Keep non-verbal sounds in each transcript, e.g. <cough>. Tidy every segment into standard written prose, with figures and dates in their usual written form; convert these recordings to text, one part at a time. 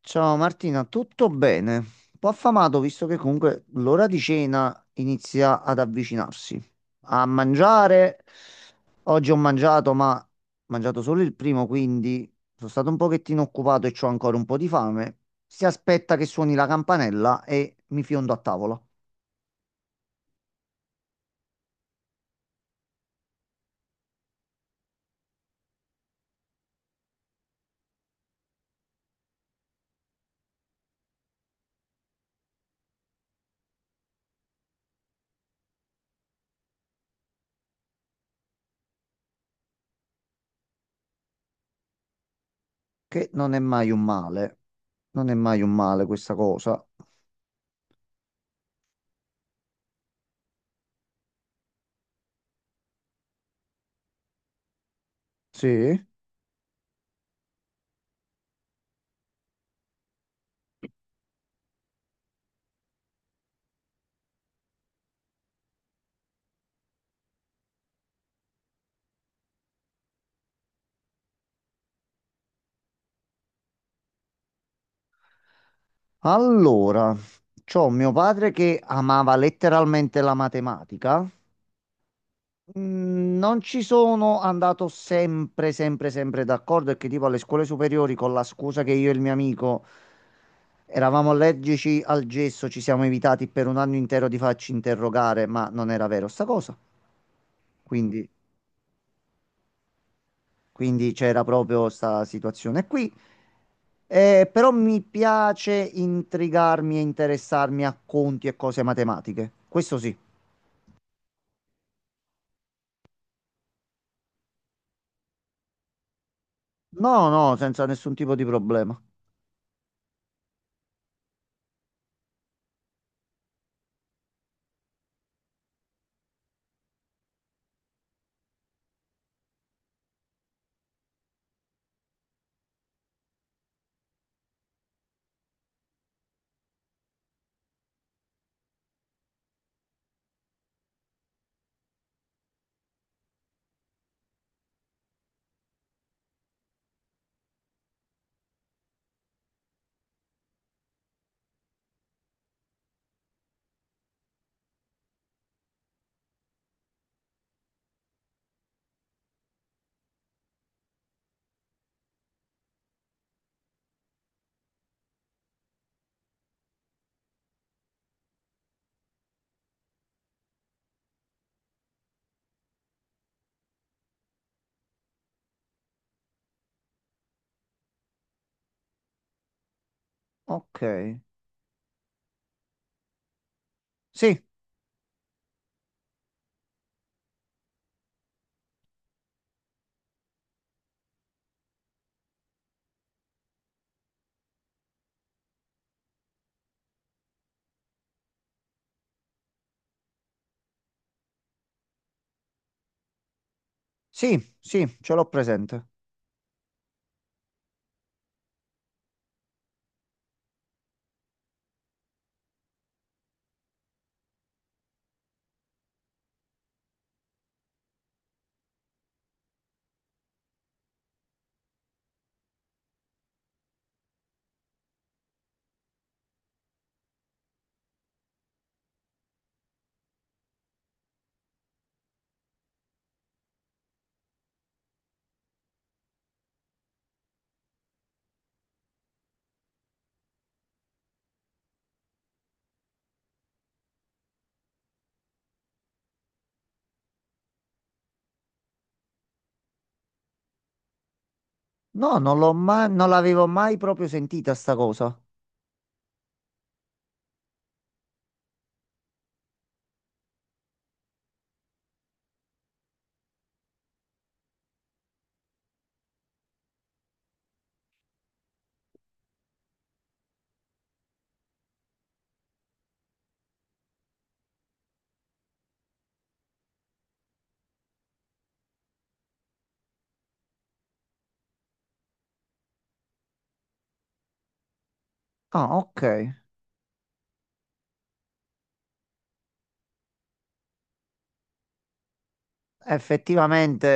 Ciao Martina, tutto bene? Un po' affamato visto che comunque l'ora di cena inizia ad avvicinarsi. A mangiare, oggi ho mangiato, ma ho mangiato solo il primo, quindi sono stato un pochettino occupato e ho ancora un po' di fame. Si aspetta che suoni la campanella e mi fiondo a tavola, che non è mai un male. Non è mai un male questa cosa. Sì. Allora, c'ho mio padre che amava letteralmente la matematica. Non ci sono andato sempre, sempre, sempre d'accordo, è che tipo alle scuole superiori con la scusa che io e il mio amico eravamo allergici al gesso, ci siamo evitati per un anno intero di farci interrogare, ma non era vero sta cosa. Quindi, quindi c'era proprio questa situazione qui. Però mi piace intrigarmi e interessarmi a conti e cose matematiche. Questo sì. No, no, senza nessun tipo di problema. Ok. Sì. Sì, sì, ce l'ho presente. No, non l'ho mai, non l'avevo mai proprio sentita sta cosa. Ah, ok. Effettivamente.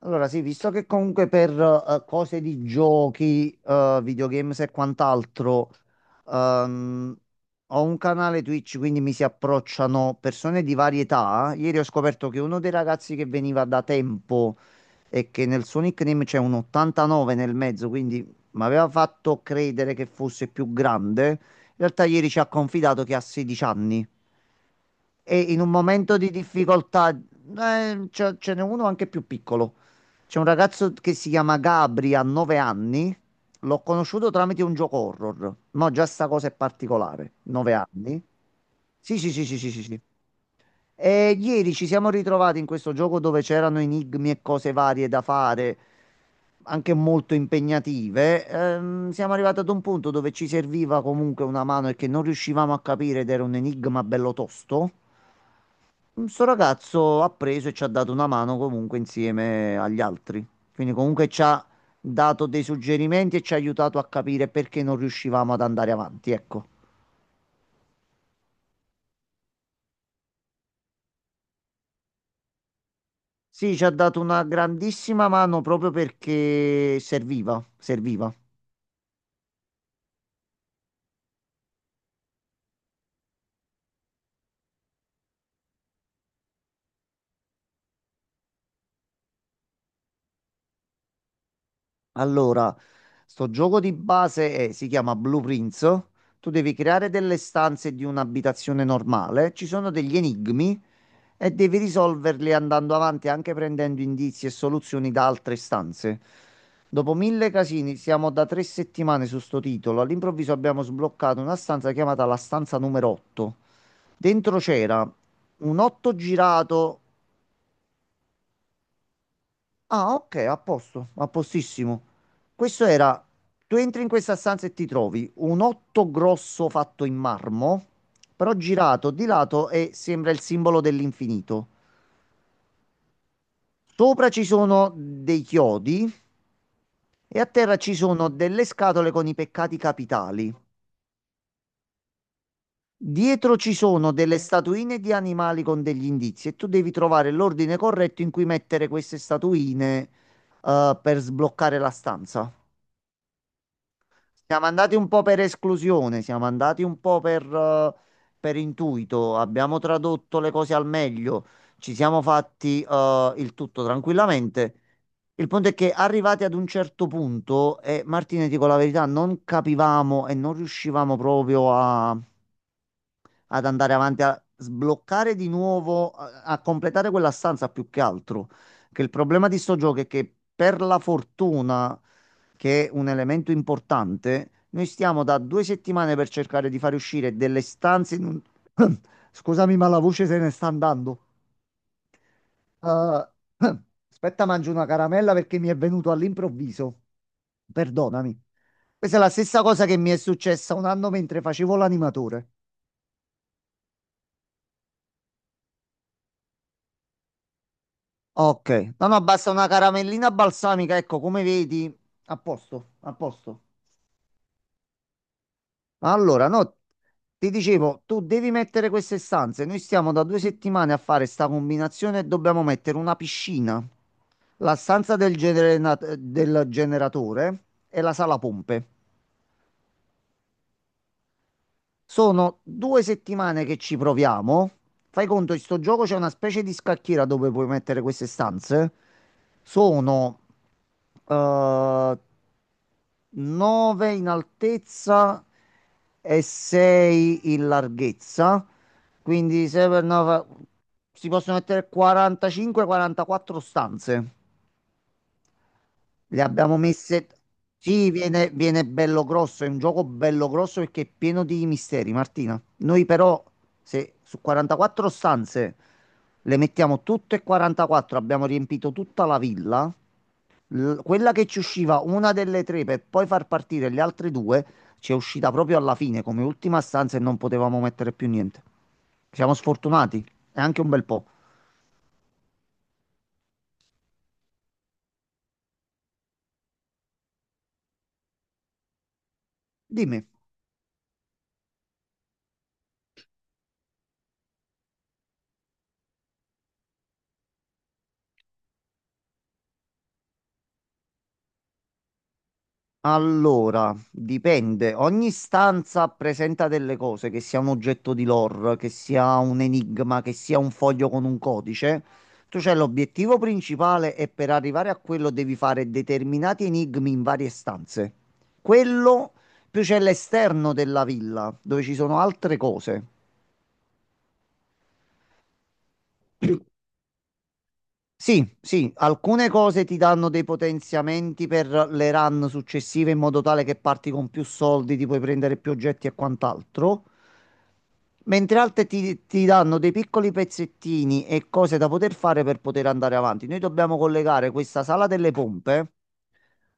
Allora, sì, visto che comunque per cose di giochi, videogames e quant'altro, ehm, ho un canale Twitch, quindi mi si approcciano persone di varietà. Ieri ho scoperto che uno dei ragazzi che veniva da tempo e che nel suo nickname c'è un 89 nel mezzo, quindi mi aveva fatto credere che fosse più grande. In realtà ieri ci ha confidato che ha 16 anni e in un momento di difficoltà, ce n'è uno anche più piccolo. C'è un ragazzo che si chiama Gabri, ha 9 anni. L'ho conosciuto tramite un gioco horror. No, già sta cosa è particolare. 9 anni. Sì, sì, sì, sì, sì, sì, sì. E ieri ci siamo ritrovati in questo gioco dove c'erano enigmi e cose varie da fare, anche molto impegnative. Siamo arrivati ad un punto dove ci serviva comunque una mano e che non riuscivamo a capire ed era un enigma bello tosto. Questo ragazzo ha preso e ci ha dato una mano comunque insieme agli altri. Quindi comunque ci ha dato dei suggerimenti e ci ha aiutato a capire perché non riuscivamo ad andare avanti, ecco. Sì, ci ha dato una grandissima mano proprio perché serviva, serviva. Allora, sto gioco di base è- si chiama Blueprints. Tu devi creare delle stanze di un'abitazione normale. Ci sono degli enigmi e devi risolverli andando avanti anche prendendo indizi e soluzioni da altre stanze. Dopo mille casini, siamo da 3 settimane su sto titolo. All'improvviso abbiamo sbloccato una stanza chiamata la stanza numero 8. Dentro c'era un otto girato. Ah, ok, a posto, a postissimo. Questo era. Tu entri in questa stanza e ti trovi un otto grosso fatto in marmo, però girato di lato e sembra il simbolo dell'infinito. Sopra ci sono dei chiodi e a terra ci sono delle scatole con i peccati capitali. Dietro ci sono delle statuine di animali con degli indizi e tu devi trovare l'ordine corretto in cui mettere queste statuine, per sbloccare la stanza. Siamo andati un po' per esclusione, siamo andati un po' per intuito, abbiamo tradotto le cose al meglio, ci siamo fatti, il tutto tranquillamente. Il punto è che arrivati ad un certo punto, e Martina, ti dico la verità, non capivamo e non riuscivamo proprio a ad andare avanti a sbloccare di nuovo, a completare quella stanza più che altro. Che il problema di sto gioco è che per la fortuna, che è un elemento importante, noi stiamo da 2 settimane per cercare di fare uscire delle stanze in un... <coughs> Scusami, ma la voce se ne sta andando. Eh, <coughs> aspetta, mangio una caramella perché mi è venuto all'improvviso. Perdonami. Questa è la stessa cosa che mi è successa un anno mentre facevo l'animatore. Ok, no, no, basta una caramellina balsamica, ecco, come vedi, a posto, a posto. Allora, no, ti dicevo, tu devi mettere queste stanze, noi stiamo da due settimane a fare sta combinazione e dobbiamo mettere una piscina, la stanza del generatore e la sala pompe. Sono 2 settimane che ci proviamo. Fai conto, in sto gioco c'è una specie di scacchiera dove puoi mettere queste stanze. Sono 3 9 in altezza e 6 in larghezza. Quindi 6 per 9 si possono mettere 45-44 stanze. Le abbiamo messe. Sì, viene, viene bello grosso. È un gioco bello grosso perché è pieno di misteri, Martina. Noi però, se su 44 stanze le mettiamo tutte e 44, abbiamo riempito tutta la villa. Quella che ci usciva una delle tre per poi far partire le altre due, ci è uscita proprio alla fine come ultima stanza e non potevamo mettere più niente. Siamo sfortunati, è anche un bel po'. Dimmi. Allora, dipende. Ogni stanza presenta delle cose, che sia un oggetto di lore, che sia un enigma, che sia un foglio con un codice. Tu c'hai l'obiettivo principale e per arrivare a quello devi fare determinati enigmi in varie stanze. Quello più c'è l'esterno della villa, dove ci sono altre cose. Sì, sì, alcune cose ti danno dei potenziamenti per le run successive in modo tale che parti con più soldi, ti puoi prendere più oggetti e quant'altro. Mentre altre ti danno dei piccoli pezzettini e cose da poter fare per poter andare avanti. Noi dobbiamo collegare questa sala delle pompe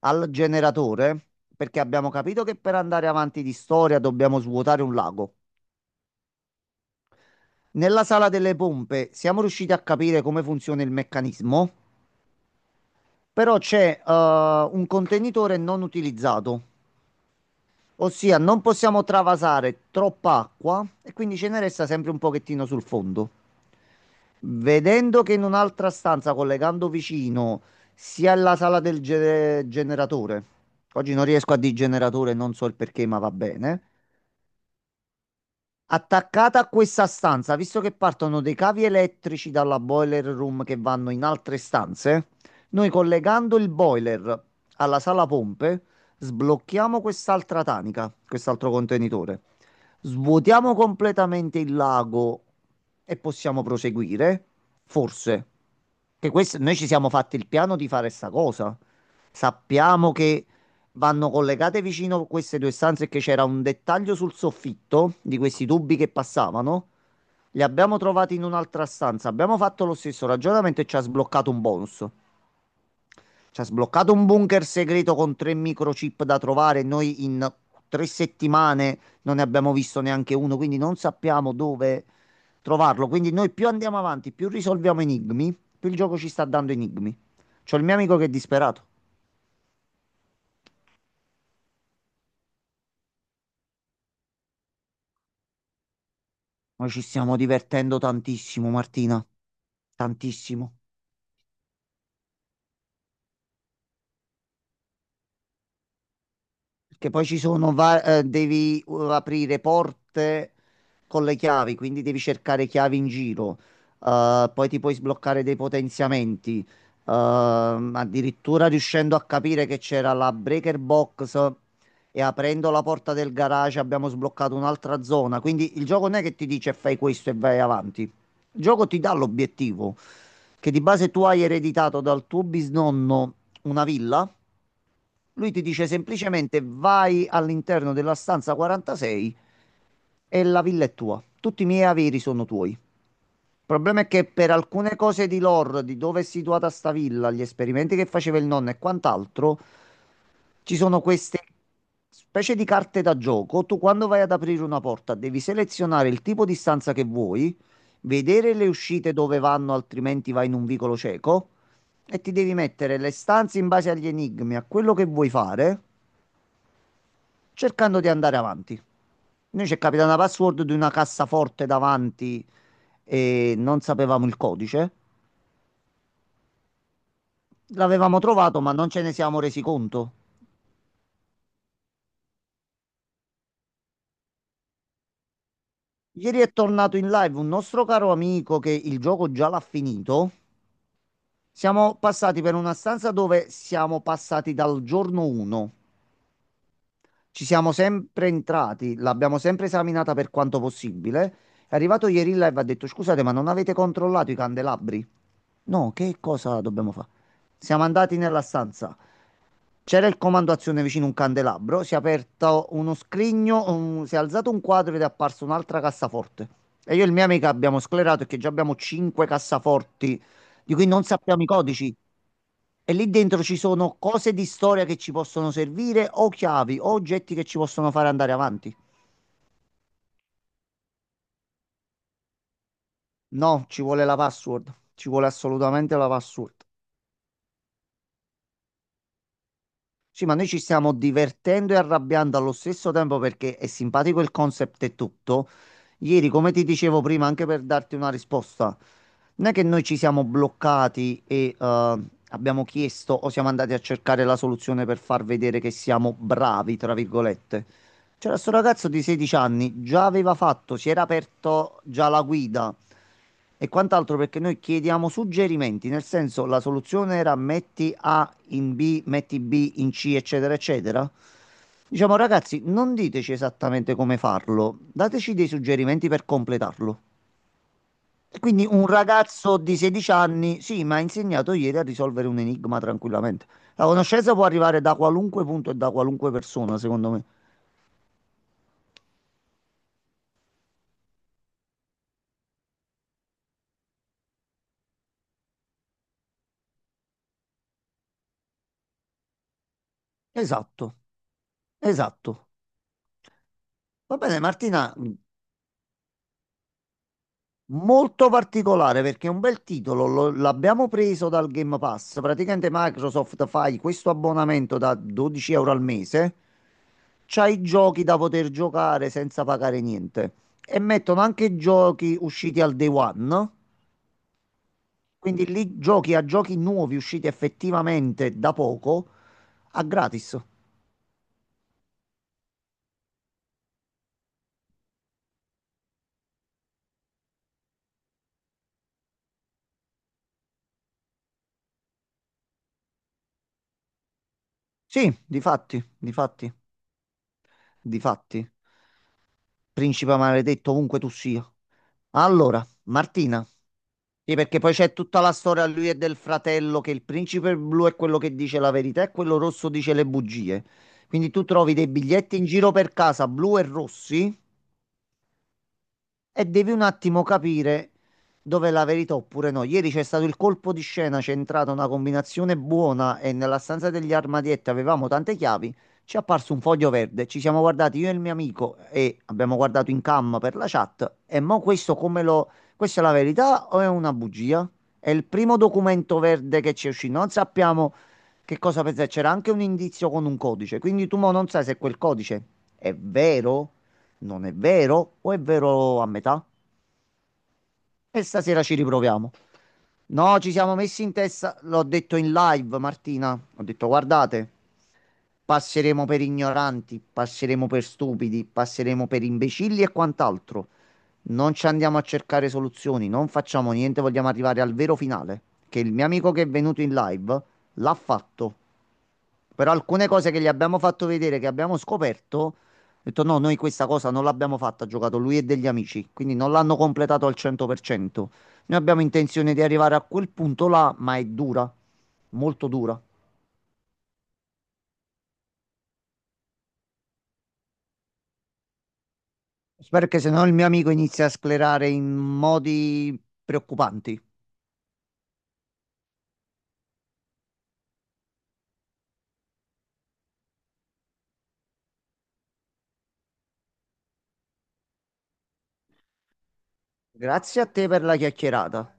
al generatore perché abbiamo capito che per andare avanti di storia dobbiamo svuotare un lago. Nella sala delle pompe siamo riusciti a capire come funziona il meccanismo, però c'è un contenitore non utilizzato. Ossia, non possiamo travasare troppa acqua e quindi ce ne resta sempre un pochettino sul fondo. Vedendo che in un'altra stanza, collegando vicino, sia la sala generatore. Oggi non riesco a dire generatore, non so il perché, ma va bene. Attaccata a questa stanza, visto che partono dei cavi elettrici dalla boiler room che vanno in altre stanze, noi collegando il boiler alla sala pompe sblocchiamo quest'altra tanica, quest'altro contenitore. Svuotiamo completamente il lago e possiamo proseguire. Forse. Che questo, noi ci siamo fatti il piano di fare sta cosa. Sappiamo che vanno collegate vicino queste due stanze che c'era un dettaglio sul soffitto di questi tubi che passavano. Li abbiamo trovati in un'altra stanza. Abbiamo fatto lo stesso ragionamento e ci ha sbloccato un bonus. Ci ha sbloccato un bunker segreto con tre microchip da trovare. Noi in 3 settimane non ne abbiamo visto neanche uno, quindi non sappiamo dove trovarlo. Quindi noi più andiamo avanti, più risolviamo enigmi, più il gioco ci sta dando enigmi. C'ho il mio amico che è disperato. Noi ci stiamo divertendo tantissimo, Martina, tantissimo. Perché poi ci sono, devi aprire porte con le chiavi, quindi devi cercare chiavi in giro. Poi ti puoi sbloccare dei potenziamenti. Addirittura riuscendo a capire che c'era la breaker box e aprendo la porta del garage abbiamo sbloccato un'altra zona. Quindi il gioco non è che ti dice fai questo e vai avanti. Il gioco ti dà l'obiettivo, che di base tu hai ereditato dal tuo bisnonno una villa. Lui ti dice semplicemente vai all'interno della stanza 46 e la villa è tua. Tutti i miei averi sono tuoi. Il problema è che per alcune cose di lore, di dove è situata sta villa, gli esperimenti che faceva il nonno e quant'altro, ci sono queste specie di carte da gioco. Tu quando vai ad aprire una porta devi selezionare il tipo di stanza che vuoi, vedere le uscite dove vanno, altrimenti vai in un vicolo cieco e ti devi mettere le stanze in base agli enigmi, a quello che vuoi fare, cercando di andare avanti. Noi ci è capitata una password di una cassaforte davanti e non sapevamo il codice. L'avevamo trovato, ma non ce ne siamo resi conto. Ieri è tornato in live un nostro caro amico che il gioco già l'ha finito. Siamo passati per una stanza dove siamo passati dal giorno 1. Ci siamo sempre entrati, l'abbiamo sempre esaminata per quanto possibile. È arrivato ieri in live e ha detto: Scusate, ma non avete controllato i candelabri? No, che cosa dobbiamo fare? Siamo andati nella stanza. C'era il comando azione vicino un candelabro, si è aperto uno scrigno, si è alzato un quadro ed è apparsa un'altra cassaforte. E io e il mio amico abbiamo sclerato che già abbiamo 5 cassaforti di cui non sappiamo i codici. E lì dentro ci sono cose di storia che ci possono servire, o chiavi, o oggetti che ci possono fare andare avanti. No, ci vuole la password. Ci vuole assolutamente la password. Sì, ma noi ci stiamo divertendo e arrabbiando allo stesso tempo perché è simpatico il concept e tutto. Ieri, come ti dicevo prima, anche per darti una risposta, non è che noi ci siamo bloccati e abbiamo chiesto o siamo andati a cercare la soluzione per far vedere che siamo bravi, tra virgolette. C'era sto ragazzo di 16 anni, già aveva fatto, si era aperto già la guida e quant'altro, perché noi chiediamo suggerimenti, nel senso la soluzione era metti A in B, metti B in C, eccetera, eccetera. Diciamo, ragazzi, non diteci esattamente come farlo, dateci dei suggerimenti per completarlo. E quindi un ragazzo di 16 anni, sì, mi ha insegnato ieri a risolvere un enigma tranquillamente. La conoscenza può arrivare da qualunque punto e da qualunque persona, secondo me. Esatto, esatto. Va bene, Martina, molto particolare perché è un bel titolo, l'abbiamo preso dal Game Pass. Praticamente Microsoft, fai questo abbonamento da 12 euro al mese, c'hai i giochi da poter giocare senza pagare niente e mettono anche giochi usciti al day one, quindi lì giochi a giochi nuovi usciti effettivamente da poco a gratis. Sì, difatti, difatti, difatti. Principe maledetto, ovunque tu sia. Allora, Martina, sì, perché poi c'è tutta la storia lui e del fratello, che il principe blu è quello che dice la verità e quello rosso dice le bugie. Quindi tu trovi dei biglietti in giro per casa, blu e rossi, e devi un attimo capire dove è la verità oppure no. Ieri c'è stato il colpo di scena, c'è entrata una combinazione buona e nella stanza degli armadietti avevamo tante chiavi. Ci è apparso un foglio verde, ci siamo guardati io e il mio amico e abbiamo guardato in cam per la chat. E mo questo come lo... Questa è la verità o è una bugia? È il primo documento verde che ci è uscito, non sappiamo che cosa pensare. C'era anche un indizio con un codice, quindi tu mo non sai se quel codice è vero, non è vero? O è vero a metà? E stasera ci riproviamo. No, ci siamo messi in testa, l'ho detto in live, Martina. Ho detto, guardate, passeremo per ignoranti, passeremo per stupidi, passeremo per imbecilli e quant'altro. Non ci andiamo a cercare soluzioni, non facciamo niente, vogliamo arrivare al vero finale. Che il mio amico, che è venuto in live, l'ha fatto. Però alcune cose che gli abbiamo fatto vedere, che abbiamo scoperto, ho detto no, noi questa cosa non l'abbiamo fatta, ha giocato lui e degli amici, quindi non l'hanno completato al 100%. Noi abbiamo intenzione di arrivare a quel punto là, ma è dura, molto dura. Spero che se no il mio amico inizia a sclerare in modi preoccupanti. Grazie a te per la chiacchierata.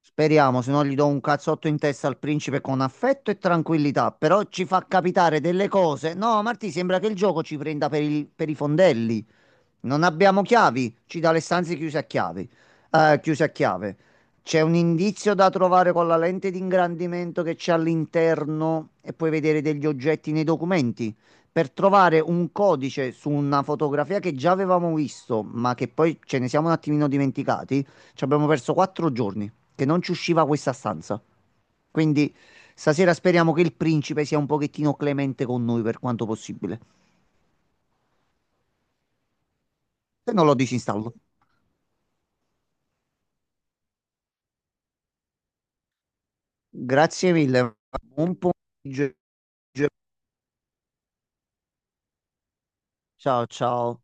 Speriamo, se no gli do un cazzotto in testa al principe, con affetto e tranquillità, però ci fa capitare delle cose. No, Marti, sembra che il gioco ci prenda per per i fondelli. Non abbiamo chiavi, ci dà le stanze chiuse a chiavi, chiuse a chiave. C'è un indizio da trovare con la lente di ingrandimento che c'è all'interno e puoi vedere degli oggetti nei documenti. Per trovare un codice su una fotografia che già avevamo visto, ma che poi ce ne siamo un attimino dimenticati, ci abbiamo perso 4 giorni che non ci usciva questa stanza. Quindi stasera speriamo che il principe sia un pochettino clemente con noi per quanto possibile. Se no lo disinstallo. Grazie mille. Buon pomeriggio. Ciao ciao.